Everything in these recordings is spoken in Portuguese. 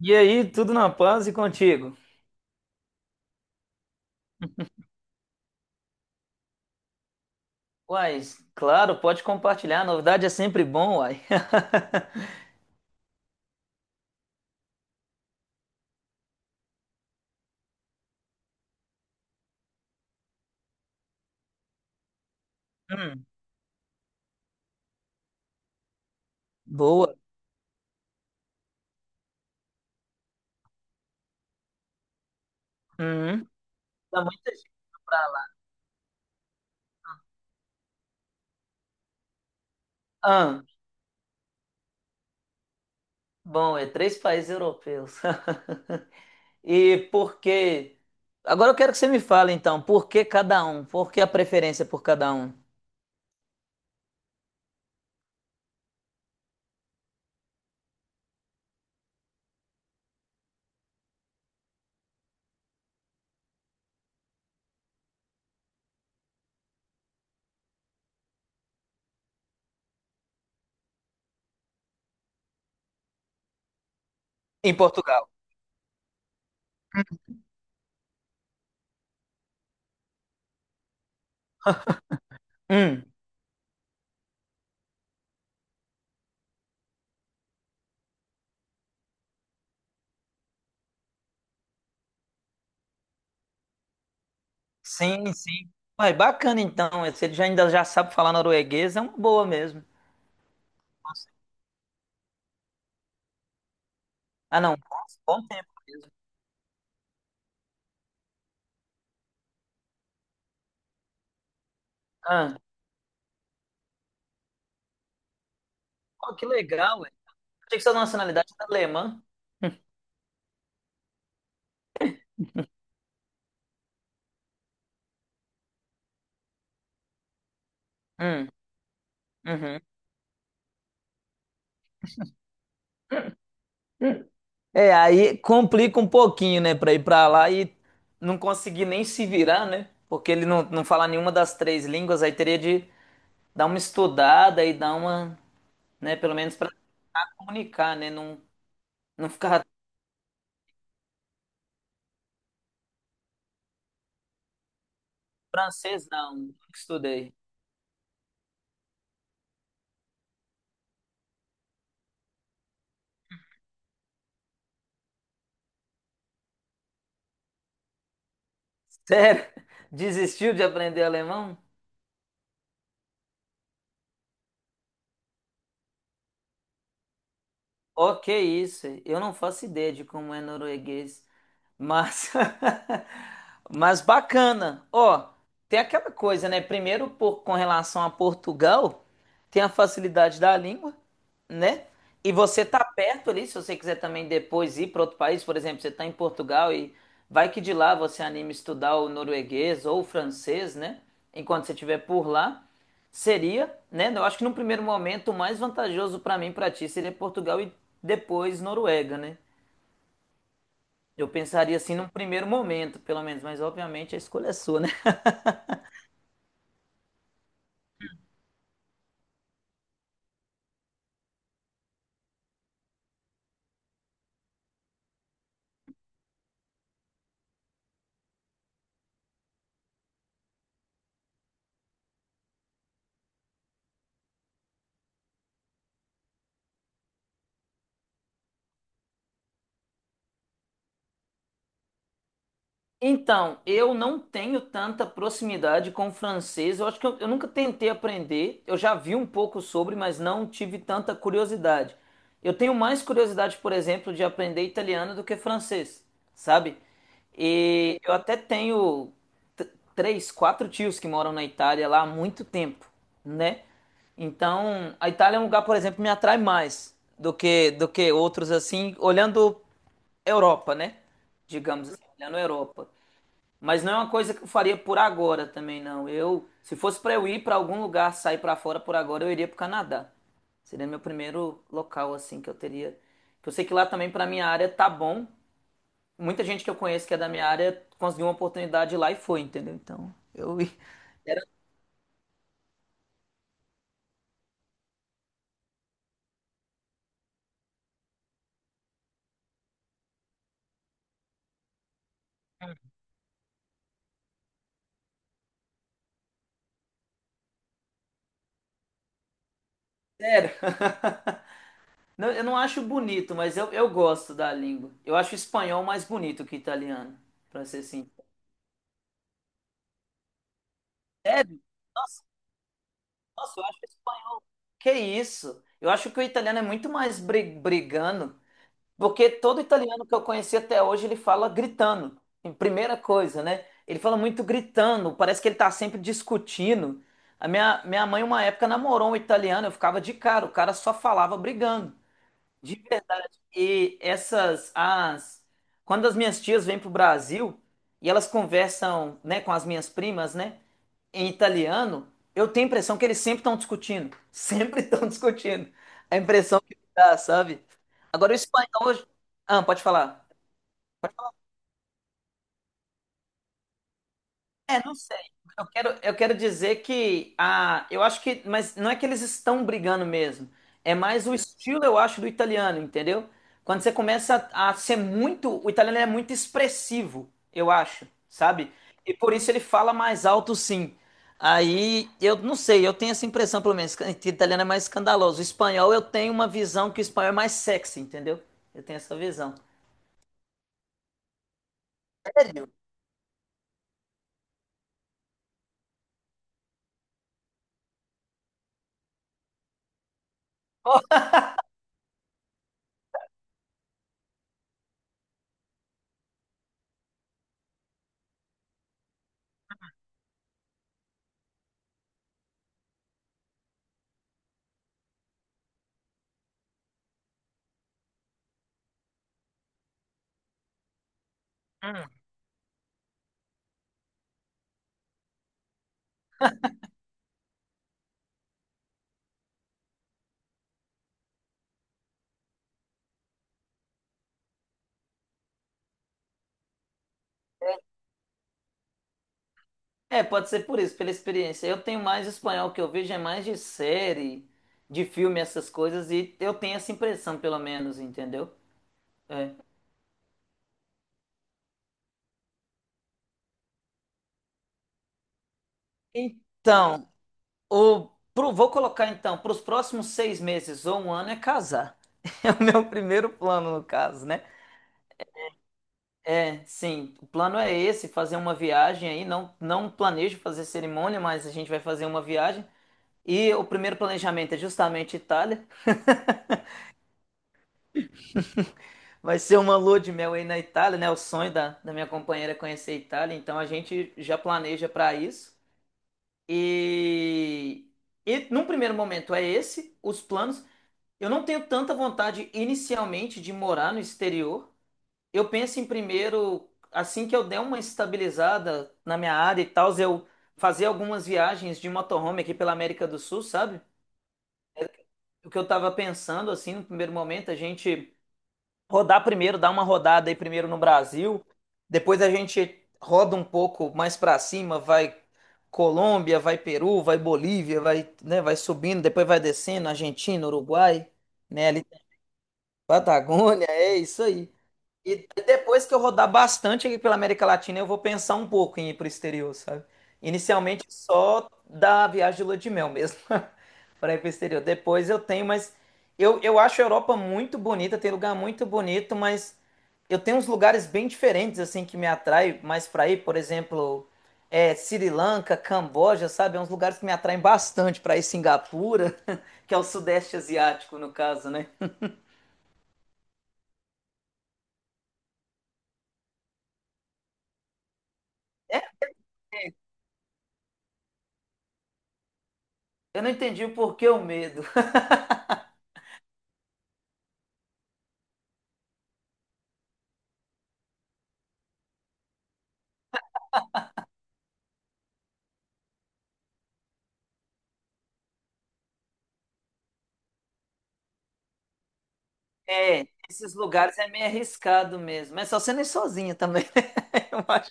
E aí, tudo na paz e contigo? Uai, claro, pode compartilhar. Novidade é sempre bom, uai. Hum, boa. Uhum. Dá muita gente pra lá. Ah, bom, é três países europeus. E por que? Agora eu quero que você me fale então, por que cada um? Por que a preferência por cada um? Em Portugal. Hum, sim, sim. Uai, bacana então. Se ele já ainda já sabe falar norueguês, é uma boa mesmo. Ah, não, bom, bom tempo mesmo. Ah, pô, que legal, achei que sua nacionalidade era alemã. Hum, uhum. É, aí complica um pouquinho, né, pra ir pra lá e não conseguir nem se virar, né? Porque ele não fala nenhuma das três línguas, aí teria de dar uma estudada e dar uma, né, pelo menos pra comunicar, né? Não, não ficar francês, não. Nunca estudei. Sério? Desistiu de aprender alemão? Ok, isso? Eu não faço ideia de como é norueguês, mas mas bacana. Ó, tem aquela coisa, né? Primeiro, por, com relação a Portugal, tem a facilidade da língua, né? E você tá perto ali, se você quiser também depois ir para outro país, por exemplo, você tá em Portugal e vai que de lá você anime estudar o norueguês ou o francês, né? Enquanto você estiver por lá. Seria, né? Eu acho que no primeiro momento o mais vantajoso para mim, e para ti, seria Portugal e depois Noruega, né? Eu pensaria assim num primeiro momento, pelo menos, mas obviamente a escolha é sua, né? Então, eu não tenho tanta proximidade com o francês. Eu acho que eu nunca tentei aprender. Eu já vi um pouco sobre, mas não tive tanta curiosidade. Eu tenho mais curiosidade, por exemplo, de aprender italiano do que francês, sabe? E eu até tenho t- três, quatro tios que moram na Itália lá há muito tempo, né? Então, a Itália é um lugar, por exemplo, que me atrai mais do que outros assim, olhando Europa, né? Digamos assim, olhando Europa. Mas não é uma coisa que eu faria por agora também, não. Eu, se fosse para eu ir para algum lugar, sair para fora por agora, eu iria pro Canadá. Seria meu primeiro local assim que eu teria. Que eu sei que lá também para minha área tá bom. Muita gente que eu conheço que é da minha área conseguiu uma oportunidade lá e foi, entendeu? Então, eu era sério. Não, eu não acho bonito, mas eu gosto da língua. Eu acho espanhol mais bonito que italiano, para ser sincero. Sério? Nossa, nossa, eu acho Que isso? Eu acho que o italiano é muito mais brigando, porque todo italiano que eu conheci até hoje ele fala gritando, em primeira coisa, né? Ele fala muito gritando, parece que ele tá sempre discutindo. A minha mãe, uma época, namorou um italiano, eu ficava de cara, o cara só falava brigando, de verdade. E essas, as. Quando as minhas tias vêm pro Brasil e elas conversam, né, com as minhas primas, né, em italiano, eu tenho a impressão que eles sempre estão discutindo. Sempre estão discutindo. A impressão que dá, sabe? Agora o espanhol. Ah, pode falar. É, não sei. Eu quero dizer que a, eu acho que, mas não é que eles estão brigando mesmo. É mais o estilo, eu acho, do italiano, entendeu? Quando você começa a ser muito, o italiano é muito expressivo, eu acho, sabe? E por isso ele fala mais alto, sim. Aí eu não sei, eu tenho essa impressão, pelo menos, que o italiano é mais escandaloso. O espanhol eu tenho uma visão que o espanhol é mais sexy, entendeu? Eu tenho essa visão. Sério? É, pode ser por isso, pela experiência. Eu tenho mais espanhol, que eu vejo é mais de série, de filme, essas coisas, e eu tenho essa impressão, pelo menos, entendeu? É. Então, o, vou colocar então, para os próximos 6 meses ou um ano é casar. É o meu primeiro plano, no caso, né? É, sim, o plano é esse, fazer uma viagem aí, não planejo fazer cerimônia, mas a gente vai fazer uma viagem. E o primeiro planejamento é justamente Itália, vai ser uma lua de mel aí na Itália, né? O sonho da minha companheira é conhecer a Itália, então a gente já planeja para isso. E, e num primeiro momento é esse, os planos. Eu não tenho tanta vontade inicialmente de morar no exterior. Eu penso em primeiro, assim que eu der uma estabilizada na minha área e tal, eu fazer algumas viagens de motorhome aqui pela América do Sul, sabe? O que eu tava pensando, assim, no primeiro momento, a gente rodar primeiro, dar uma rodada aí primeiro no Brasil, depois a gente roda um pouco mais pra cima, vai Colômbia, vai Peru, vai Bolívia, vai, né, vai subindo, depois vai descendo, Argentina, Uruguai, né, ali tem Patagônia, é isso aí. E depois que eu rodar bastante aqui pela América Latina, eu vou pensar um pouco em ir para o exterior, sabe? Inicialmente só da viagem de lua de mel mesmo, para ir para o exterior. Depois eu tenho, mas eu acho a Europa muito bonita, tem lugar muito bonito, mas eu tenho uns lugares bem diferentes, assim, que me atrai mais para ir, por exemplo, é, Sri Lanka, Camboja, sabe? É uns lugares que me atraem bastante para ir Singapura, que é o Sudeste Asiático, no caso, né? Eu não entendi o porquê o medo. É, esses lugares é meio arriscado mesmo. Mas só sendo ir sozinha também, né? Eu acho.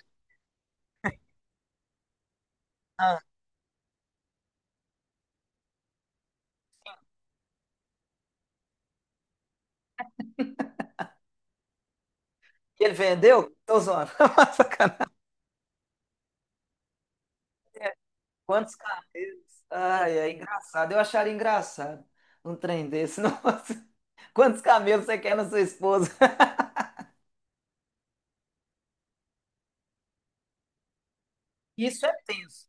Ah, que ele vendeu? Tô zoando. Sacanagem. Quantos carneiros? Ai, é engraçado. Eu acharia engraçado um trem desse. Nossa. Quantos camelos você quer na sua esposa? Isso é tenso.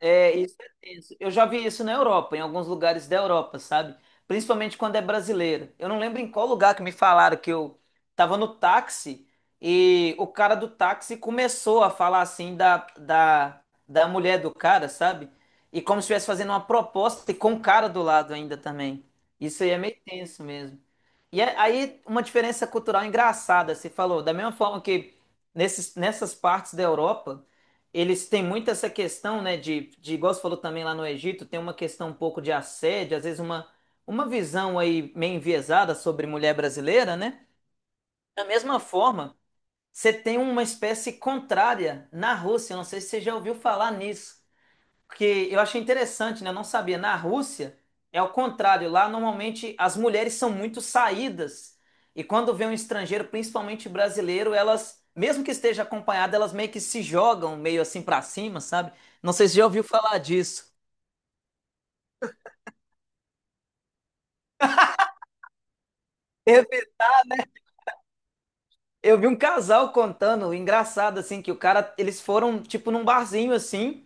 É, isso é tenso. Eu já vi isso na Europa, em alguns lugares da Europa, sabe? Principalmente quando é brasileira. Eu não lembro em qual lugar que me falaram que eu tava no táxi e o cara do táxi começou a falar assim da mulher do cara, sabe? E como se estivesse fazendo uma proposta e com o cara do lado ainda também. Isso aí é meio tenso mesmo. Aí, uma diferença cultural engraçada, você falou, da mesma forma que nessas partes da Europa. Eles têm muito essa questão, né, igual você falou também lá no Egito, tem uma questão um pouco de assédio, às vezes uma visão aí meio enviesada sobre mulher brasileira, né? Da mesma forma, você tem uma espécie contrária na Rússia, eu não sei se você já ouviu falar nisso, porque eu achei interessante, né? Eu não sabia. Na Rússia é o contrário. Lá normalmente as mulheres são muito saídas. E quando vê um estrangeiro, principalmente brasileiro, elas, mesmo que esteja acompanhada, elas meio que se jogam meio assim pra cima, sabe? Não sei se já ouviu falar disso. Eu vi, eu vi um casal contando, engraçado assim, que o cara, eles foram tipo num barzinho assim.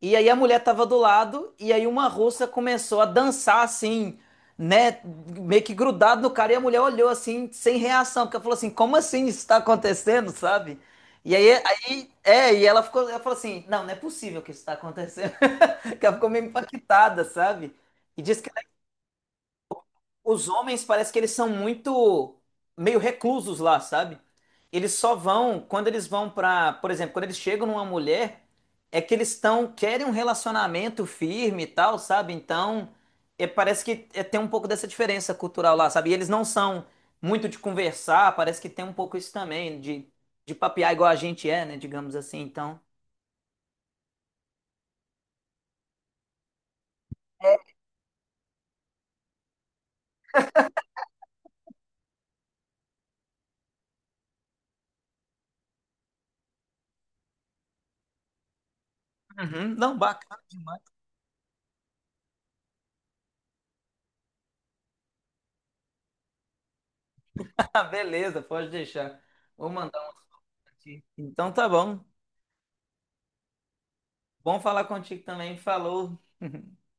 E aí a mulher tava do lado, e aí uma russa começou a dançar assim, né? Meio que grudado no cara, e a mulher olhou assim, sem reação, porque ela falou assim, como assim isso tá acontecendo, sabe? E aí, aí é, e ela ficou, ela falou assim, não, não é possível que isso tá acontecendo. Que ela ficou meio impactada, sabe? E disse que os homens parece que eles são muito meio reclusos lá, sabe? Eles só vão quando eles vão pra, por exemplo, quando eles chegam numa mulher, é que eles estão querem um relacionamento firme e tal, sabe? Então, é, parece que é, tem um pouco dessa diferença cultural lá, sabe? E eles não são muito de conversar, parece que tem um pouco isso também de papear igual a gente é, né, digamos assim. Então, uhum, não, bacana demais. Ah, beleza, pode deixar. Vou mandar um aqui. Então tá bom. Bom falar contigo também, falou.